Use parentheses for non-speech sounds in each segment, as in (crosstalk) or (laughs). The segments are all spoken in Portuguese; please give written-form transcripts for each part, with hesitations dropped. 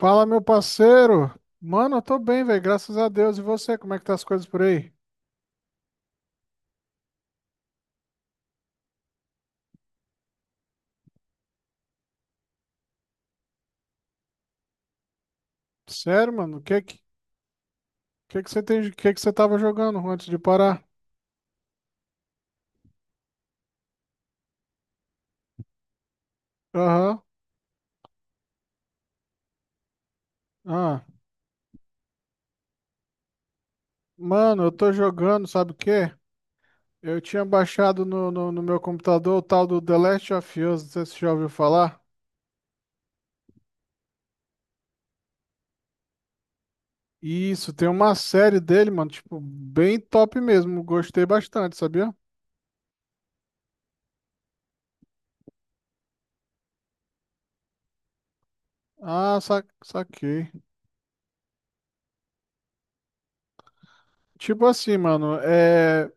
Fala, meu parceiro. Mano, eu tô bem, velho, graças a Deus. E você, como é que tá as coisas por aí? Sério, mano? Que que você tem, o que que você tava jogando antes de parar? Aham. Ah. Mano, eu tô jogando, sabe o quê? Eu tinha baixado no meu computador o tal do The Last of Us, não sei se você já ouviu falar. Isso, tem uma série dele, mano, tipo, bem top mesmo. Gostei bastante, sabia? Ah, sa saquei. Tipo assim, mano, é.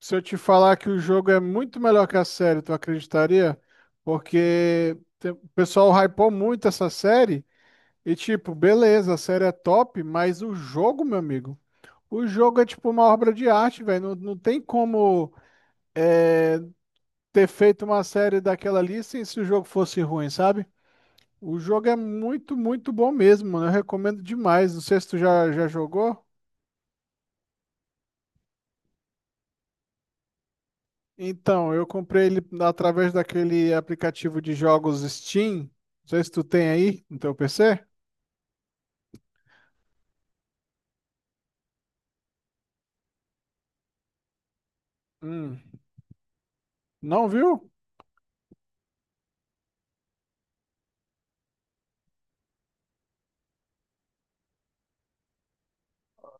Se eu te falar que o jogo é muito melhor que a série, tu acreditaria? O pessoal hypou muito essa série e, tipo, beleza, a série é top, mas o jogo, meu amigo, o jogo é tipo uma obra de arte, velho. Não, não tem como é, ter feito uma série daquela ali sem se o jogo fosse ruim, sabe? O jogo é muito, muito bom mesmo, mano. Eu recomendo demais. Não sei se tu já jogou. Então, eu comprei ele através daquele aplicativo de jogos Steam. Não sei se tu tem aí no teu PC. Hum, não viu?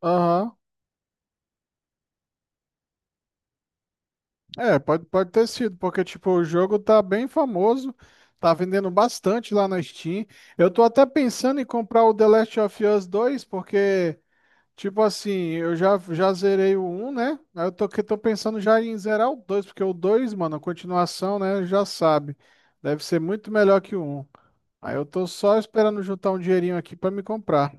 Aham. É, pode ter sido, porque tipo, o jogo tá bem famoso, tá vendendo bastante lá na Steam. Eu tô até pensando em comprar o The Last of Us 2, porque, tipo assim, eu já zerei o um, né? Aí eu tô, que tô pensando já em zerar o 2, porque o 2 mano, a continuação, né? Já sabe. Deve ser muito melhor que o um. Aí eu tô só esperando juntar um dinheirinho aqui pra me comprar.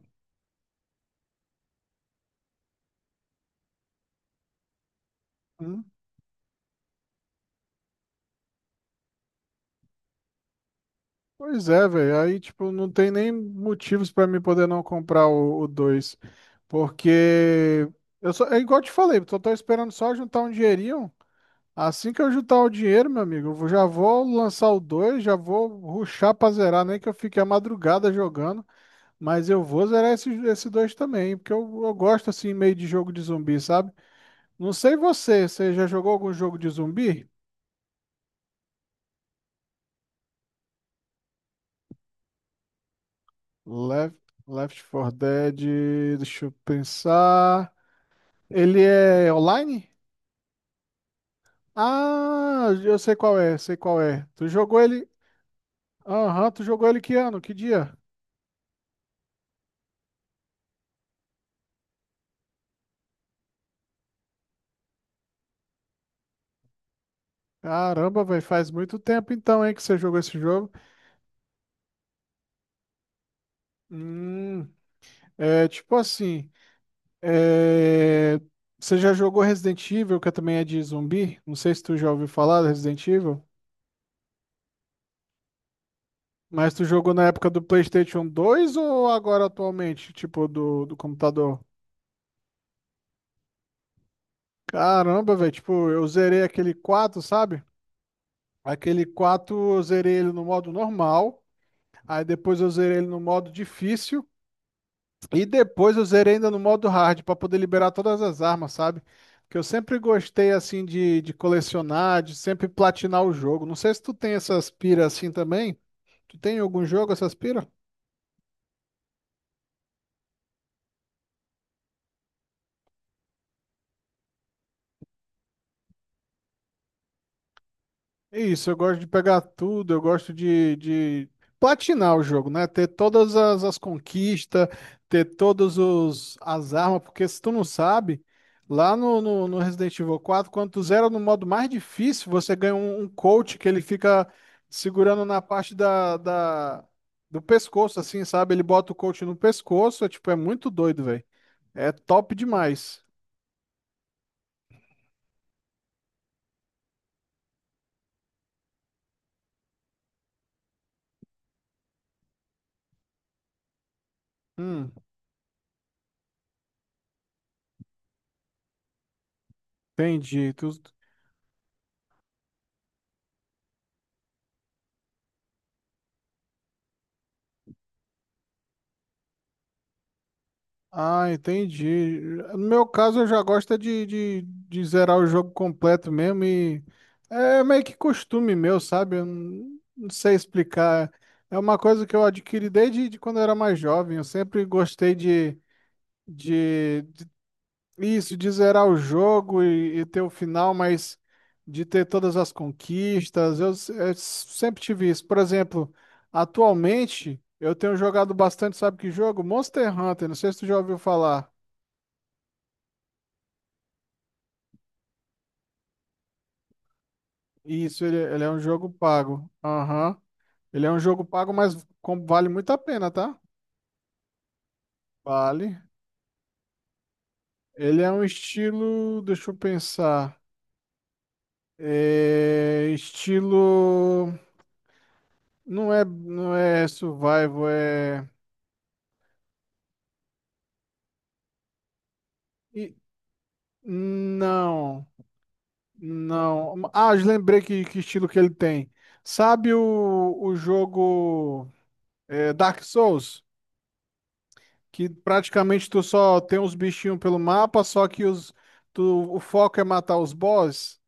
Hum? Pois é, velho. Aí, tipo, não tem nem motivos pra me poder não comprar o 2, porque eu só, é igual eu te falei, tô esperando só juntar um dinheirinho. Assim que eu juntar o dinheiro, meu amigo, já vou lançar o 2, já vou rushar pra zerar, nem que eu fique a madrugada jogando. Mas eu vou zerar esse 2 também, porque eu gosto assim meio de jogo de zumbi, sabe? Não sei você já jogou algum jogo de zumbi? Left, Left 4 Dead, deixa eu pensar. Ele é online? Ah, eu sei qual é, sei qual é. Tu jogou ele? Aham, tu jogou ele que ano? Que dia? Caramba, velho, faz muito tempo então, hein, que você jogou esse jogo. Hum, é tipo assim, é, você já jogou Resident Evil, que também é de zumbi? Não sei se tu já ouviu falar do Resident Evil, mas tu jogou na época do PlayStation 2 ou agora atualmente, tipo do computador? Caramba, velho, tipo, eu zerei aquele 4, sabe? Aquele 4 eu zerei ele no modo normal, aí depois eu zerei ele no modo difícil e depois eu zerei ainda no modo hard pra poder liberar todas as armas, sabe? Que eu sempre gostei assim de colecionar, de sempre platinar o jogo. Não sei se tu tem essas piras assim também. Tu tem algum jogo essas piras? É isso, eu gosto de pegar tudo, eu gosto de platinar o jogo, né? Ter todas as conquistas, ter todas os, as armas, porque se tu não sabe, lá no Resident Evil 4, quando tu zera no modo mais difícil, você ganha um, um coach que ele fica segurando na parte do pescoço, assim, sabe? Ele bota o coach no pescoço, é, tipo, é muito doido, velho. É top demais. Hum, entendi. Ah, entendi. No meu caso, eu já gosto é de zerar o jogo completo mesmo e é meio que costume meu, sabe? Eu não, não sei explicar. É uma coisa que eu adquiri desde de quando eu era mais jovem. Eu sempre gostei de, de- isso, de zerar o jogo e ter o final, mas de ter todas as conquistas. Eu sempre tive isso. Por exemplo, atualmente eu tenho jogado bastante, sabe que jogo? Monster Hunter, não sei se tu já ouviu falar. Isso, ele é um jogo pago. Aham. Ele é um jogo pago, mas vale muito a pena, tá? Vale. Ele é um estilo. Deixa eu pensar. É estilo. Não é survival, é. e- Não, não. Ah, eu lembrei que estilo que ele tem. Sabe o jogo Dark Souls? Que praticamente tu só tem uns bichinhos pelo mapa, só que o foco é matar os boss.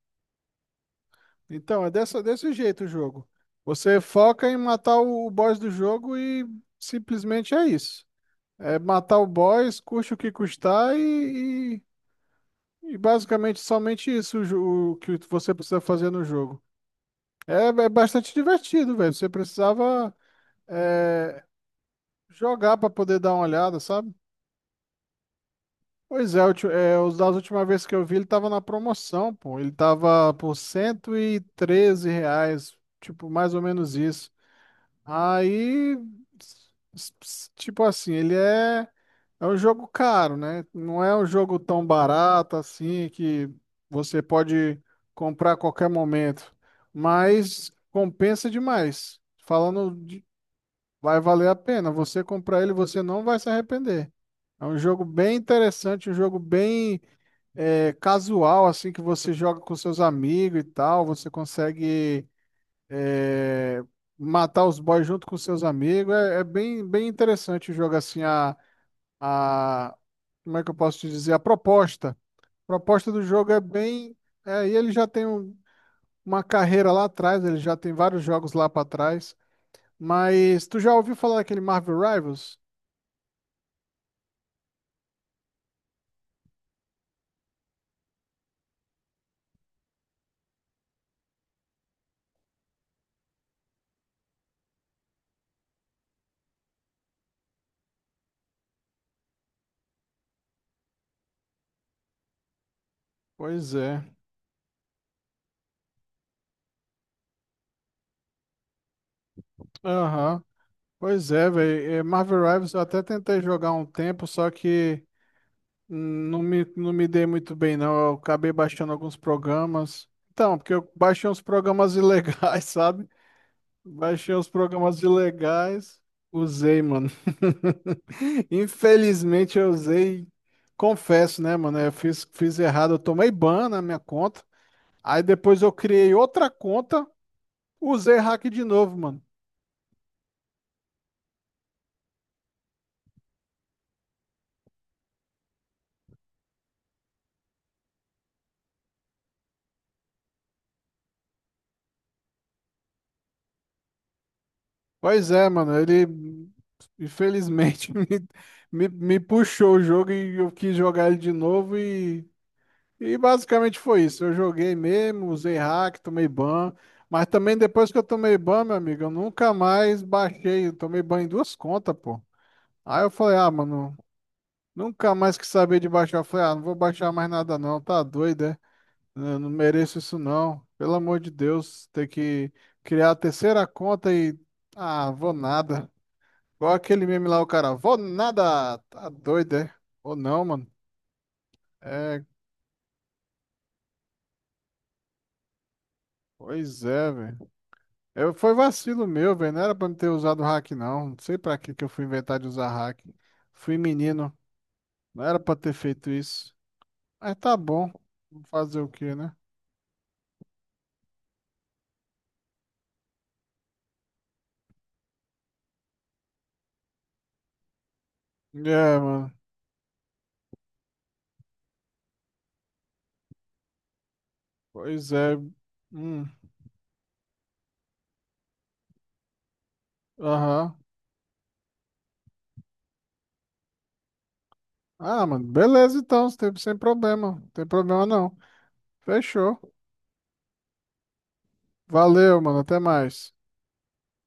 Então, é dessa, desse jeito o jogo. Você foca em matar o boss do jogo e simplesmente é isso. É matar o boss, custe o que custar e basicamente somente isso o que você precisa fazer no jogo. É, é bastante divertido, velho. Você precisava é, jogar para poder dar uma olhada, sabe? Pois é, os das última vez que eu vi, ele tava na promoção, pô. Ele tava por 113 reais, tipo, mais ou menos isso. Aí, tipo assim, ele é um jogo caro, né? Não é um jogo tão barato assim que você pode comprar a qualquer momento. Mas compensa demais. Falando de, vai valer a pena. Você comprar ele, você não vai se arrepender. É um jogo bem interessante, um jogo bem casual, assim, que você joga com seus amigos e tal, você consegue é, matar os boys junto com seus amigos. É, é bem, bem interessante o jogo, assim, a, como é que eu posso te dizer? A proposta do jogo é bem. É, e ele já tem uma carreira lá atrás, ele já tem vários jogos lá para trás. Mas tu já ouviu falar daquele Marvel Rivals? Pois é. Aham. Pois é, velho. Marvel Rivals eu até tentei jogar um tempo, só que. Não me dei muito bem, não. Eu acabei baixando alguns programas. Então, porque eu baixei uns programas ilegais, (laughs) sabe? Baixei uns programas ilegais, usei, mano. (laughs) Infelizmente eu usei, confesso, né, mano? Eu fiz errado, eu tomei ban na minha conta. Aí depois eu criei outra conta, usei hack de novo, mano. Pois é, mano, ele infelizmente (laughs) me puxou o jogo e eu quis jogar ele de novo e basicamente foi isso. Eu joguei mesmo, usei hack, tomei ban, mas também depois que eu tomei ban, meu amigo, eu nunca mais baixei, eu tomei ban em duas contas, pô. Aí eu falei, ah, mano, nunca mais quis saber de baixar. Eu falei, ah, não vou baixar mais nada não, tá doido, é? Eu não mereço isso não. Pelo amor de Deus, ter que criar a terceira conta e, ah, vou nada. Igual aquele meme lá, o cara, vou nada, tá doido, é? Ou não, mano? É, pois é, velho. Foi vacilo meu, velho, não era pra me ter usado hack, não. Não sei pra que que eu fui inventar de usar hack. Fui menino, não era pra ter feito isso. Mas tá bom, fazer o quê, né? É, mano, pois é. Hum, aham. Ah, mano, beleza então, sem problema, não tem problema não. Fechou. Valeu, mano, até mais.